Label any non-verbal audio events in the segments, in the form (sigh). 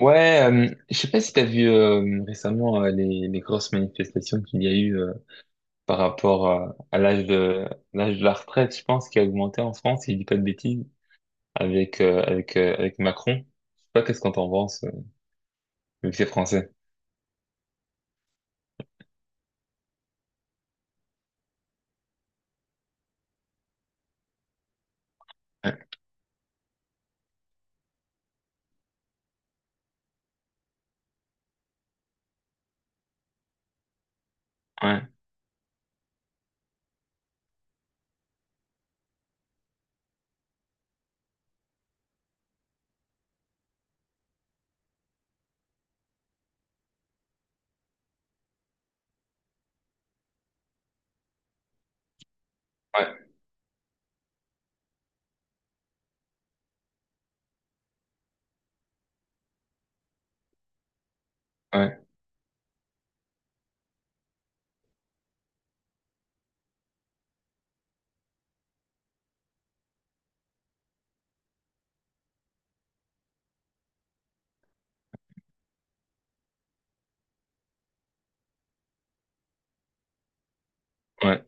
Ouais, je sais pas si t'as vu récemment les grosses manifestations qu'il y a eu par rapport à l'âge de la retraite, je pense, qui a augmenté en France, si je dis pas de bêtises, avec Macron. Je sais pas qu'est-ce qu'on t'en pense, vu que c'est français. Ouais, ouais, ouais, ouais. Ouais.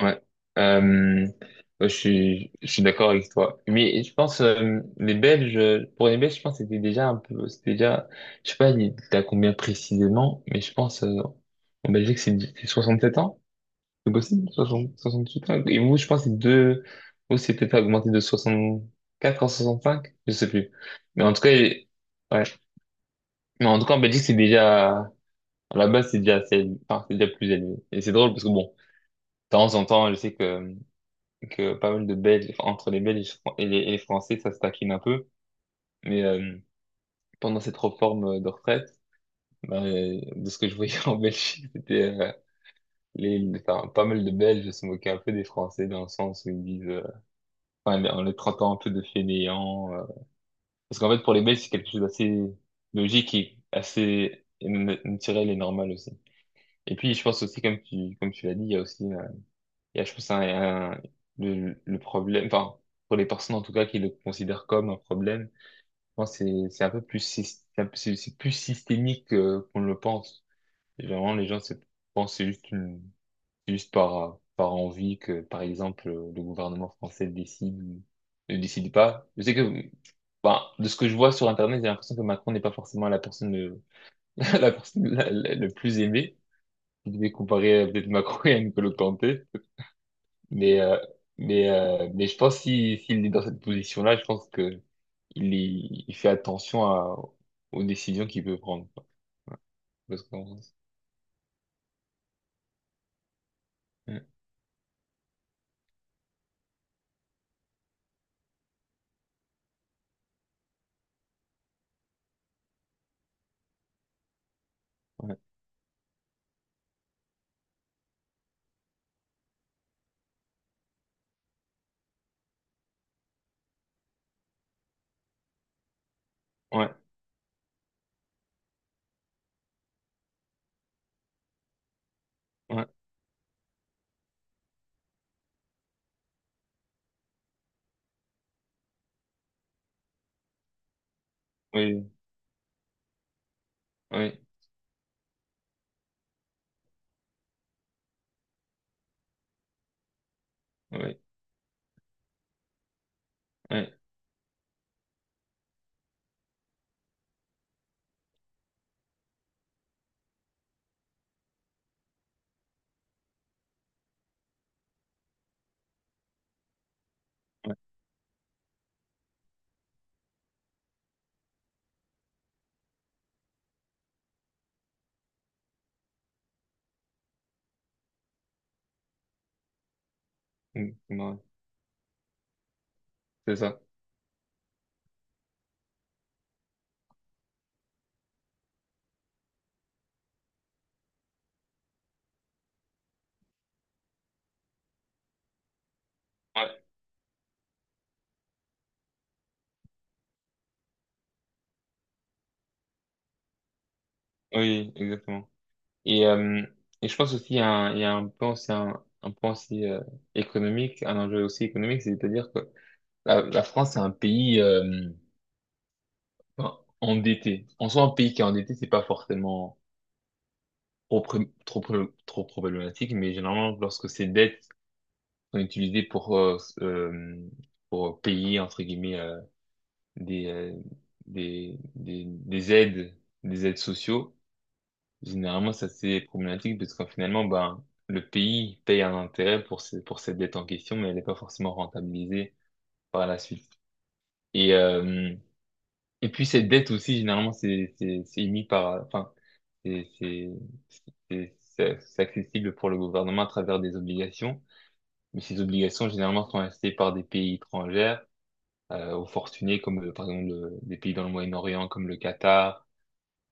Ouais. Euh, je suis d'accord avec toi. Mais je pense les Belges, pour les Belges, je pense que c'était déjà un peu, c'était déjà, je sais pas, t'as combien précisément, mais je pense en Belgique c'est 67 ans, c'est possible, soixante huit ans. Et vous, je pense que c'est deux, vous c'est peut-être augmenté de 64 à cinq, je sais plus. Mais en tout cas, ouais. Mais en tout cas, en Belgique c'est déjà, à la base c'est déjà, c'est, enfin, c'est déjà plus élevé. Et c'est drôle parce que bon, de temps en temps, je sais que pas mal de Belges, enfin, entre les Belges et les Français, ça se taquine un peu. Mais pendant cette réforme de retraite, ben, de ce que je voyais (laughs) en Belgique, c'était enfin, pas mal de Belges se moquaient un peu des Français dans le sens où ils disent, enfin, en les traitant un peu de fainéants. Parce qu'en fait, pour les Belges, c'est quelque chose d'assez logique et assez naturel et normal aussi. Et puis, je pense aussi, comme tu l'as dit, il y a aussi, il y a, je pense, le problème, enfin, pour les personnes en tout cas qui le considèrent comme un problème. Moi, c'est un peu plus, sys- c'est un peu- c'est plus systémique qu'on le pense. Généralement, les gens se pensent c'est juste une, c'est juste par envie que, par exemple, le gouvernement français décide ou ne décide pas. Je sais que, bah, de ce que je vois sur Internet, j'ai l'impression que Macron n'est pas forcément la personne, (laughs) la personne le plus aimée. Je devais comparer peut-être Macron et Nicolas Kanté. Mais, euh, mais je pense, si, s'il est dans cette position-là, je pense que il, il fait attention aux décisions qu'il peut prendre, quoi. Parce qu'on... Ouais, ouais, ouais, ouais, oui, oui, oui, oui, oui, mm, ouais, c'est ça. Ouais, oui, exactement. Et, euh, et je pense aussi il y a il y a un point, c'est un point aussi économique, un enjeu aussi économique, c'est-à-dire que la France c'est un pays enfin, endetté. En soi, un pays qui est endetté, c'est pas forcément trop, pré- trop, pré- trop problématique, mais généralement, lorsque ses dettes sont utilisés euh, pour payer entre guillemets des, euh, des aides des aides sociaux. Généralement, ça c'est problématique parce qu'en finalement, ben le pays paye un intérêt pour pour cette dette en question, mais elle n'est pas forcément rentabilisée par la suite. Et et puis cette dette aussi, généralement, c'est émis par, enfin, c'est c'est c'est accessible pour le gouvernement à travers des obligations. Mais ces obligations, généralement, sont achetées par des pays étrangers aux fortunés comme, par exemple, des pays dans le Moyen-Orient comme le Qatar,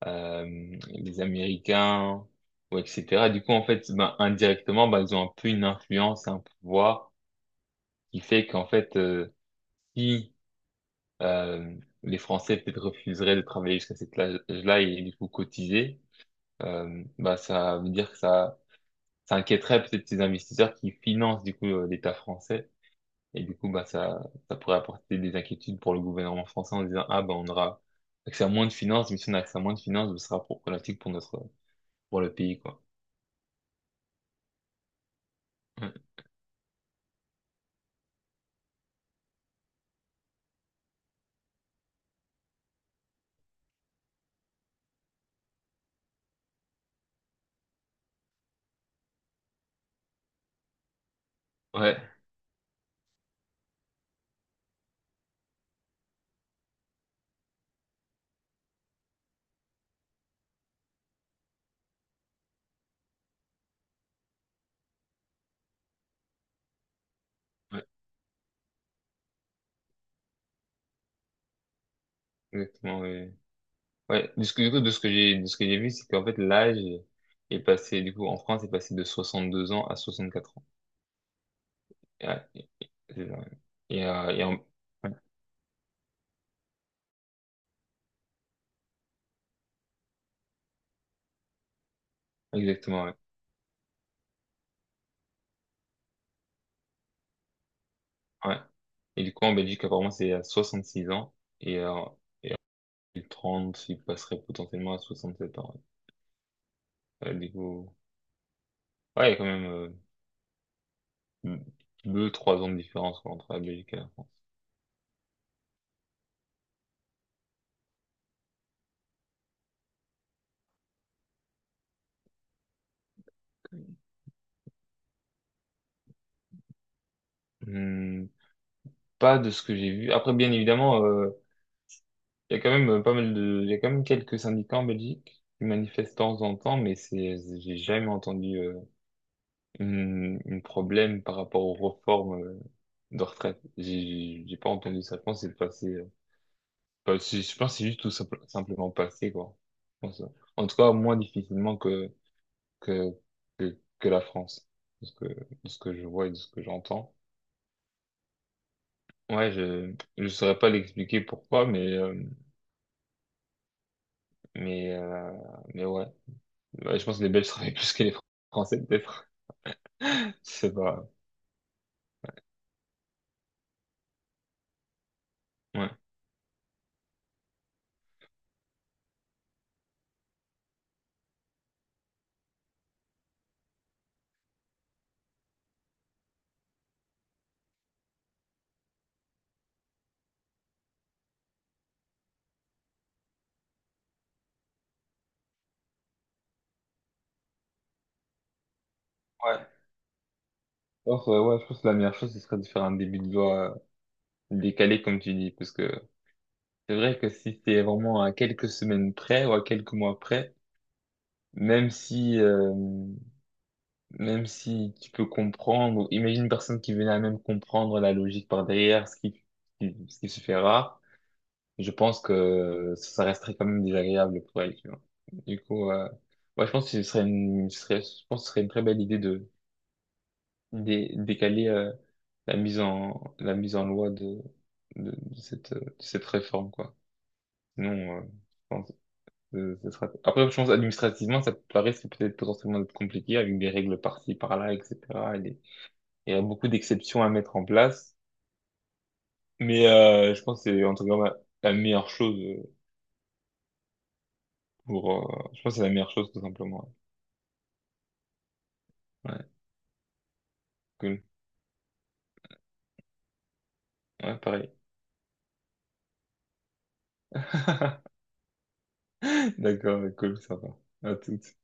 les Américains, ou etc. Du coup, en fait, ben, indirectement, ben, ils ont un peu une influence, un pouvoir qui fait qu'en fait, si euh, les Français peut-être refuseraient de travailler jusqu'à cet âge-là et du coup cotiser, ben, ça veut dire que ça inquiéterait peut-être ces investisseurs qui financent du coup l'État français. Et du coup, bah, ça pourrait apporter des inquiétudes pour le gouvernement français en disant, ah, bah, on aura accès à moins de finances, mais si on a accès à moins de finances, ce sera problématique pour notre, pour le pays, quoi. Ouais, ouais, ouais, exactement, ouais. Ouais, de ce que, du coup, de ce que j'ai vu, c'est qu'en fait, l'âge est passé, du coup, en France, est passé de 62 ans à 64 ans. Et, ouais, c'est ça, ouais. Et, euh, et en, ouais, exactement, ouais. Ouais. Et du coup, en Belgique, apparemment, c'est à 66 ans, et en 30, il passerait potentiellement à 67 ans, ouais. Ouais, du coup, ouais, il y a quand même 2, 3 ans de différence, quoi, entre la Belgique et la France. Hmm, pas de ce que j'ai vu. Après, bien évidemment, il y a quand même pas mal de, il y a quand même quelques syndicats en Belgique qui manifestent de temps en temps, mais j'ai jamais entendu une problème par rapport aux réformes de retraite. J'ai pas entendu ça. Je pense que c'est passé. Je pense que c'est juste tout simplement passé, quoi. Je pense, en tout cas, moins difficilement que, que la France, de ce que je vois et de ce que j'entends. Ouais, je saurais pas l'expliquer pourquoi, mais mais euh, mais ouais. Ouais, je pense que les Belges (laughs) travaillent plus que les Français peut-être. (laughs) C'est pas. Ouais. Ouais. Alors, ouais, je pense que la meilleure chose ce serait de faire un début de voix décalé comme tu dis, parce que c'est vrai que si c'est vraiment à quelques semaines près ou à quelques mois près, même si euh, Même si tu peux comprendre, imagine une personne qui venait à même comprendre la logique par derrière, ce qui se fait rare, je pense que ça resterait quand même désagréable pour elle, tu vois. Du coup, ouais, je pense que ce serait une, ce serait, je pense que ce serait une très belle idée de décaler la mise en loi de cette réforme, quoi. Sinon, je pense que ce sera... Après, je pense administrativement, ça paraît peut-être potentiellement être compliqué avec des règles par-ci, par-là, etc. Il y a beaucoup d'exceptions à mettre en place, mais je pense que c'est en tout cas la meilleure chose pour. Je pense que c'est la meilleure chose tout simplement. Ouais, cool. Ouais, pareil. (laughs) D'accord, ouais, cool, ça va. À toutes.